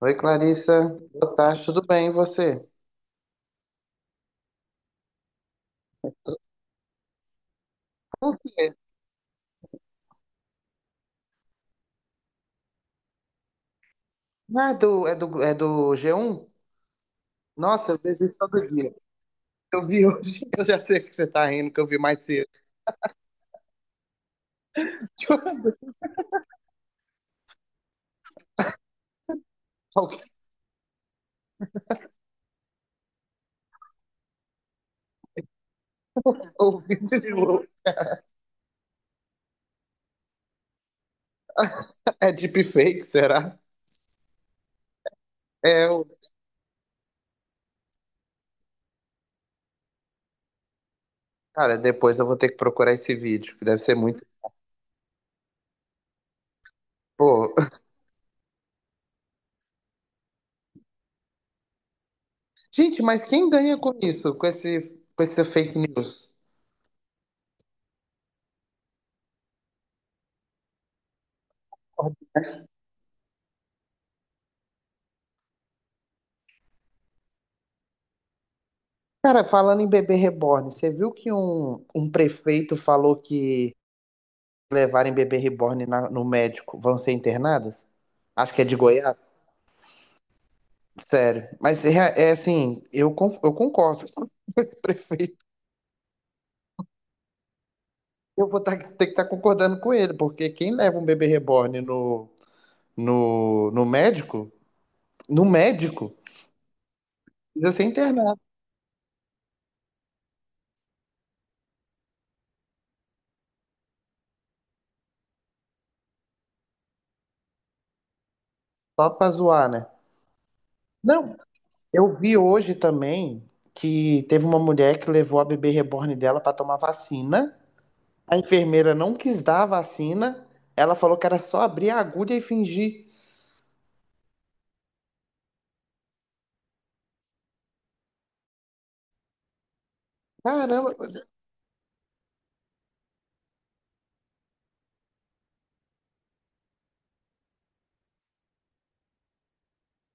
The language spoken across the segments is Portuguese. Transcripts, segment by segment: Oi, Clarissa. Boa tarde, tudo bem, e você? Por quê? Ah, é do G1? Nossa, eu vejo isso todo dia. Eu vi hoje, eu já sei que você tá rindo, que eu vi mais cedo. Alguém tá ouvindo de novo. É deepfake, será? É, eu. Cara, depois eu vou ter que procurar esse vídeo, que deve ser muito. Pô. Gente, mas quem ganha com isso? Com essa fake news? Cara, falando em bebê reborn, você viu que um prefeito falou que levarem bebê reborn no médico vão ser internadas? Acho que é de Goiás. Sério. Mas é assim, eu concordo com o prefeito. Eu vou ter que estar concordando com ele, porque quem leva um bebê reborn no, no médico, no médico, precisa ser internado, só pra zoar, né? Não, eu vi hoje também que teve uma mulher que levou a bebê reborn dela pra tomar vacina. A enfermeira não quis dar a vacina. Ela falou que era só abrir a agulha e fingir. Caramba,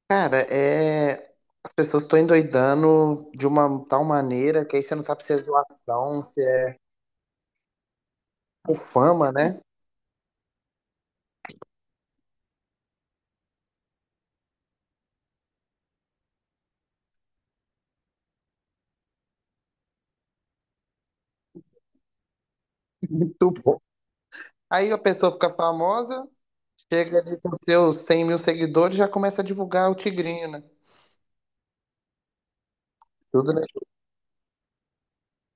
cara, é. As pessoas estão endoidando de uma tal maneira que aí você não sabe se é zoação, se é por fama, né? Muito bom. Aí a pessoa fica famosa, chega ali com seus 100 mil seguidores e já começa a divulgar o tigrinho, né? Tudo, né?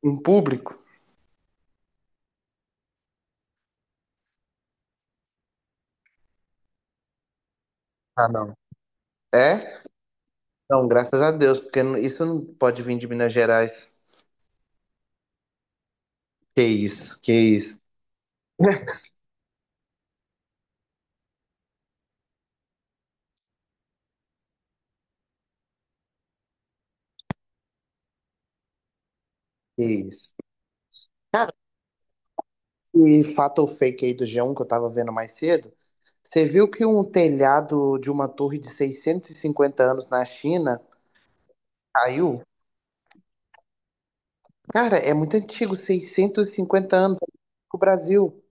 Em público. Ah, não. É? Não, graças a Deus, porque isso não pode vir de Minas Gerais. Que isso, que isso. Cara, e fato ou fake aí do G1 que eu tava vendo mais cedo. Você viu que um telhado de uma torre de 650 anos na China caiu? Cara, é muito antigo, 650 anos o Brasil.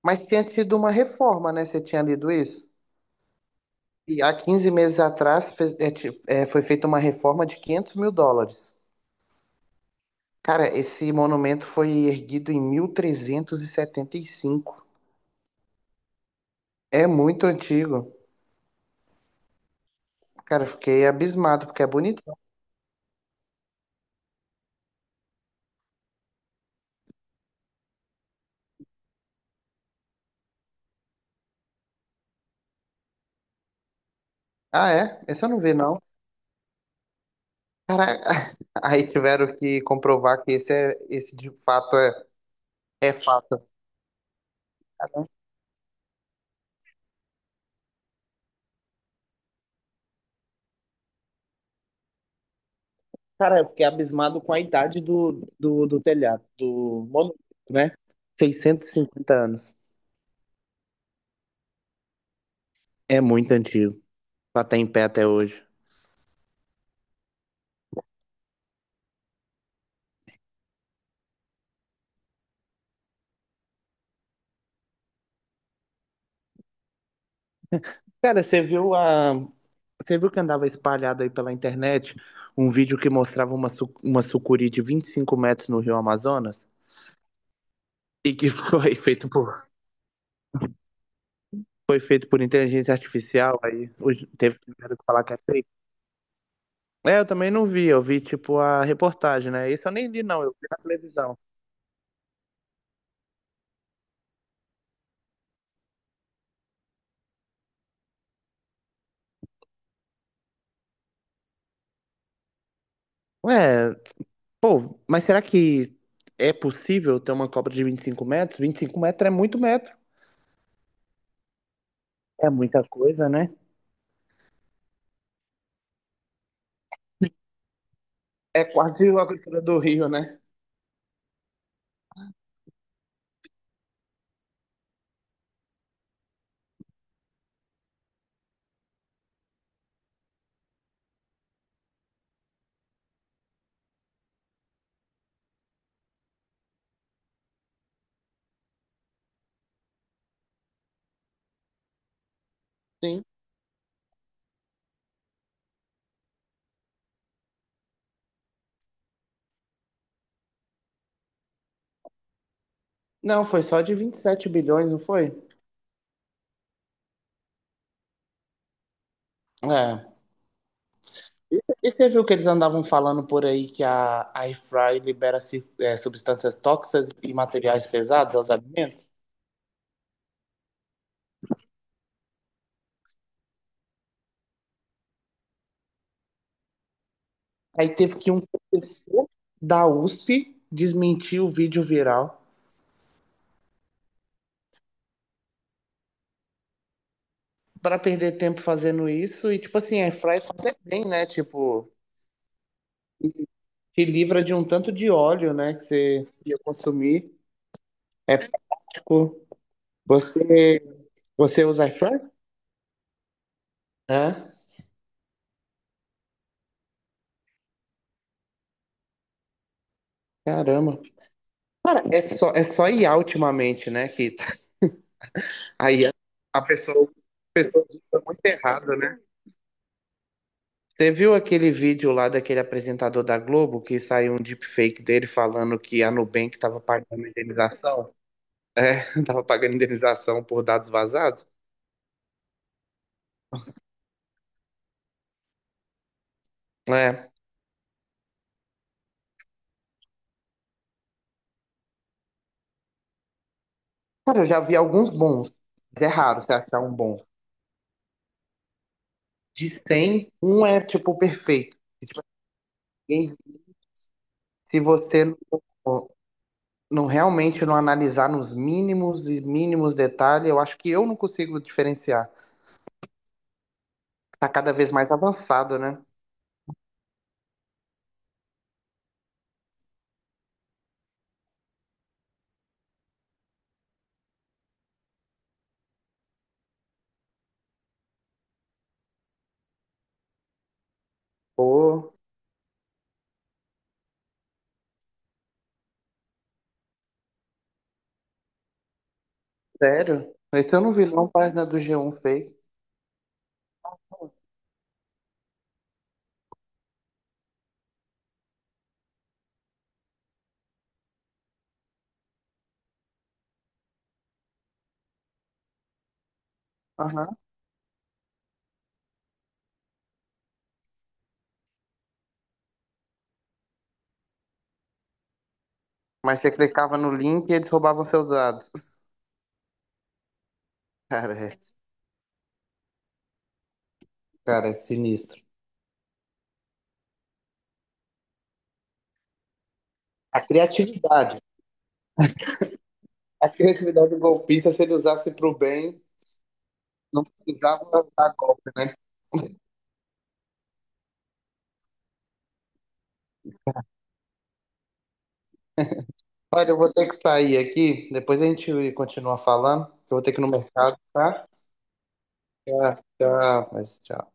Mas tinha tido uma reforma, né? Você tinha lido isso? E há 15 meses atrás foi feita uma reforma de 500 mil dólares. Cara, esse monumento foi erguido em mil trezentos e setenta e cinco. É muito antigo. Cara, eu fiquei abismado, porque é bonito. Ah, é? Esse eu não vi, não. Cara, aí tiveram que comprovar que esse de fato é fato. Cara, eu fiquei abismado com a idade do telhado, do monumento, né? Seiscentos e cinquenta anos. É muito antigo, pra estar em pé até hoje. Cara, você viu que andava espalhado aí pela internet um vídeo que mostrava uma sucuri de 25 metros no Rio Amazonas e que foi feito por inteligência artificial, aí hoje teve primeiro que falar que é. É, eu também não vi, eu vi tipo a reportagem, né? Isso eu nem li, não, eu vi na televisão. Ué, pô, mas será que é possível ter uma Copa de 25 metros? 25 metros é muito metro. É muita coisa, né? É quase a grossura do Rio, né? Sim. Não, foi só de 27 bilhões, não foi? É. E você viu que eles andavam falando por aí que a Air Fry libera substâncias tóxicas e materiais pesados aos alimentos? Aí teve que um professor da USP desmentir o vídeo viral para perder tempo fazendo isso. E, tipo assim, Air Fry faz é bem, né? Tipo, te livra de um tanto de óleo, né? Que você ia consumir. É prático. Você, você usa Air Fry? É. Caramba. Cara, é só IA ultimamente, né? Que Aí a pessoa usa muito errado, né? Você viu aquele vídeo lá daquele apresentador da Globo que saiu um deepfake dele falando que a Nubank estava pagando indenização? É, tava pagando indenização por dados vazados? É. Cara, eu já vi alguns bons, mas é raro você achar um bom. De 100, um é tipo perfeito. E, tipo, ninguém- se você não realmente não analisar nos mínimos e mínimos detalhes, eu acho que eu não consigo diferenciar. Tá cada vez mais avançado, né? Pô, sério? Esse eu não vi, não, página do G1 fez. Aham. Mas você clicava no link e eles roubavam seus dados. Cara, é, cara, é sinistro. A criatividade. A criatividade do golpista, se ele usasse para o bem, não precisava dar golpe, né? Olha, eu vou ter que sair aqui, depois a gente continua falando, que eu vou ter que ir no mercado, tá? Tchau, tchau, mas tchau.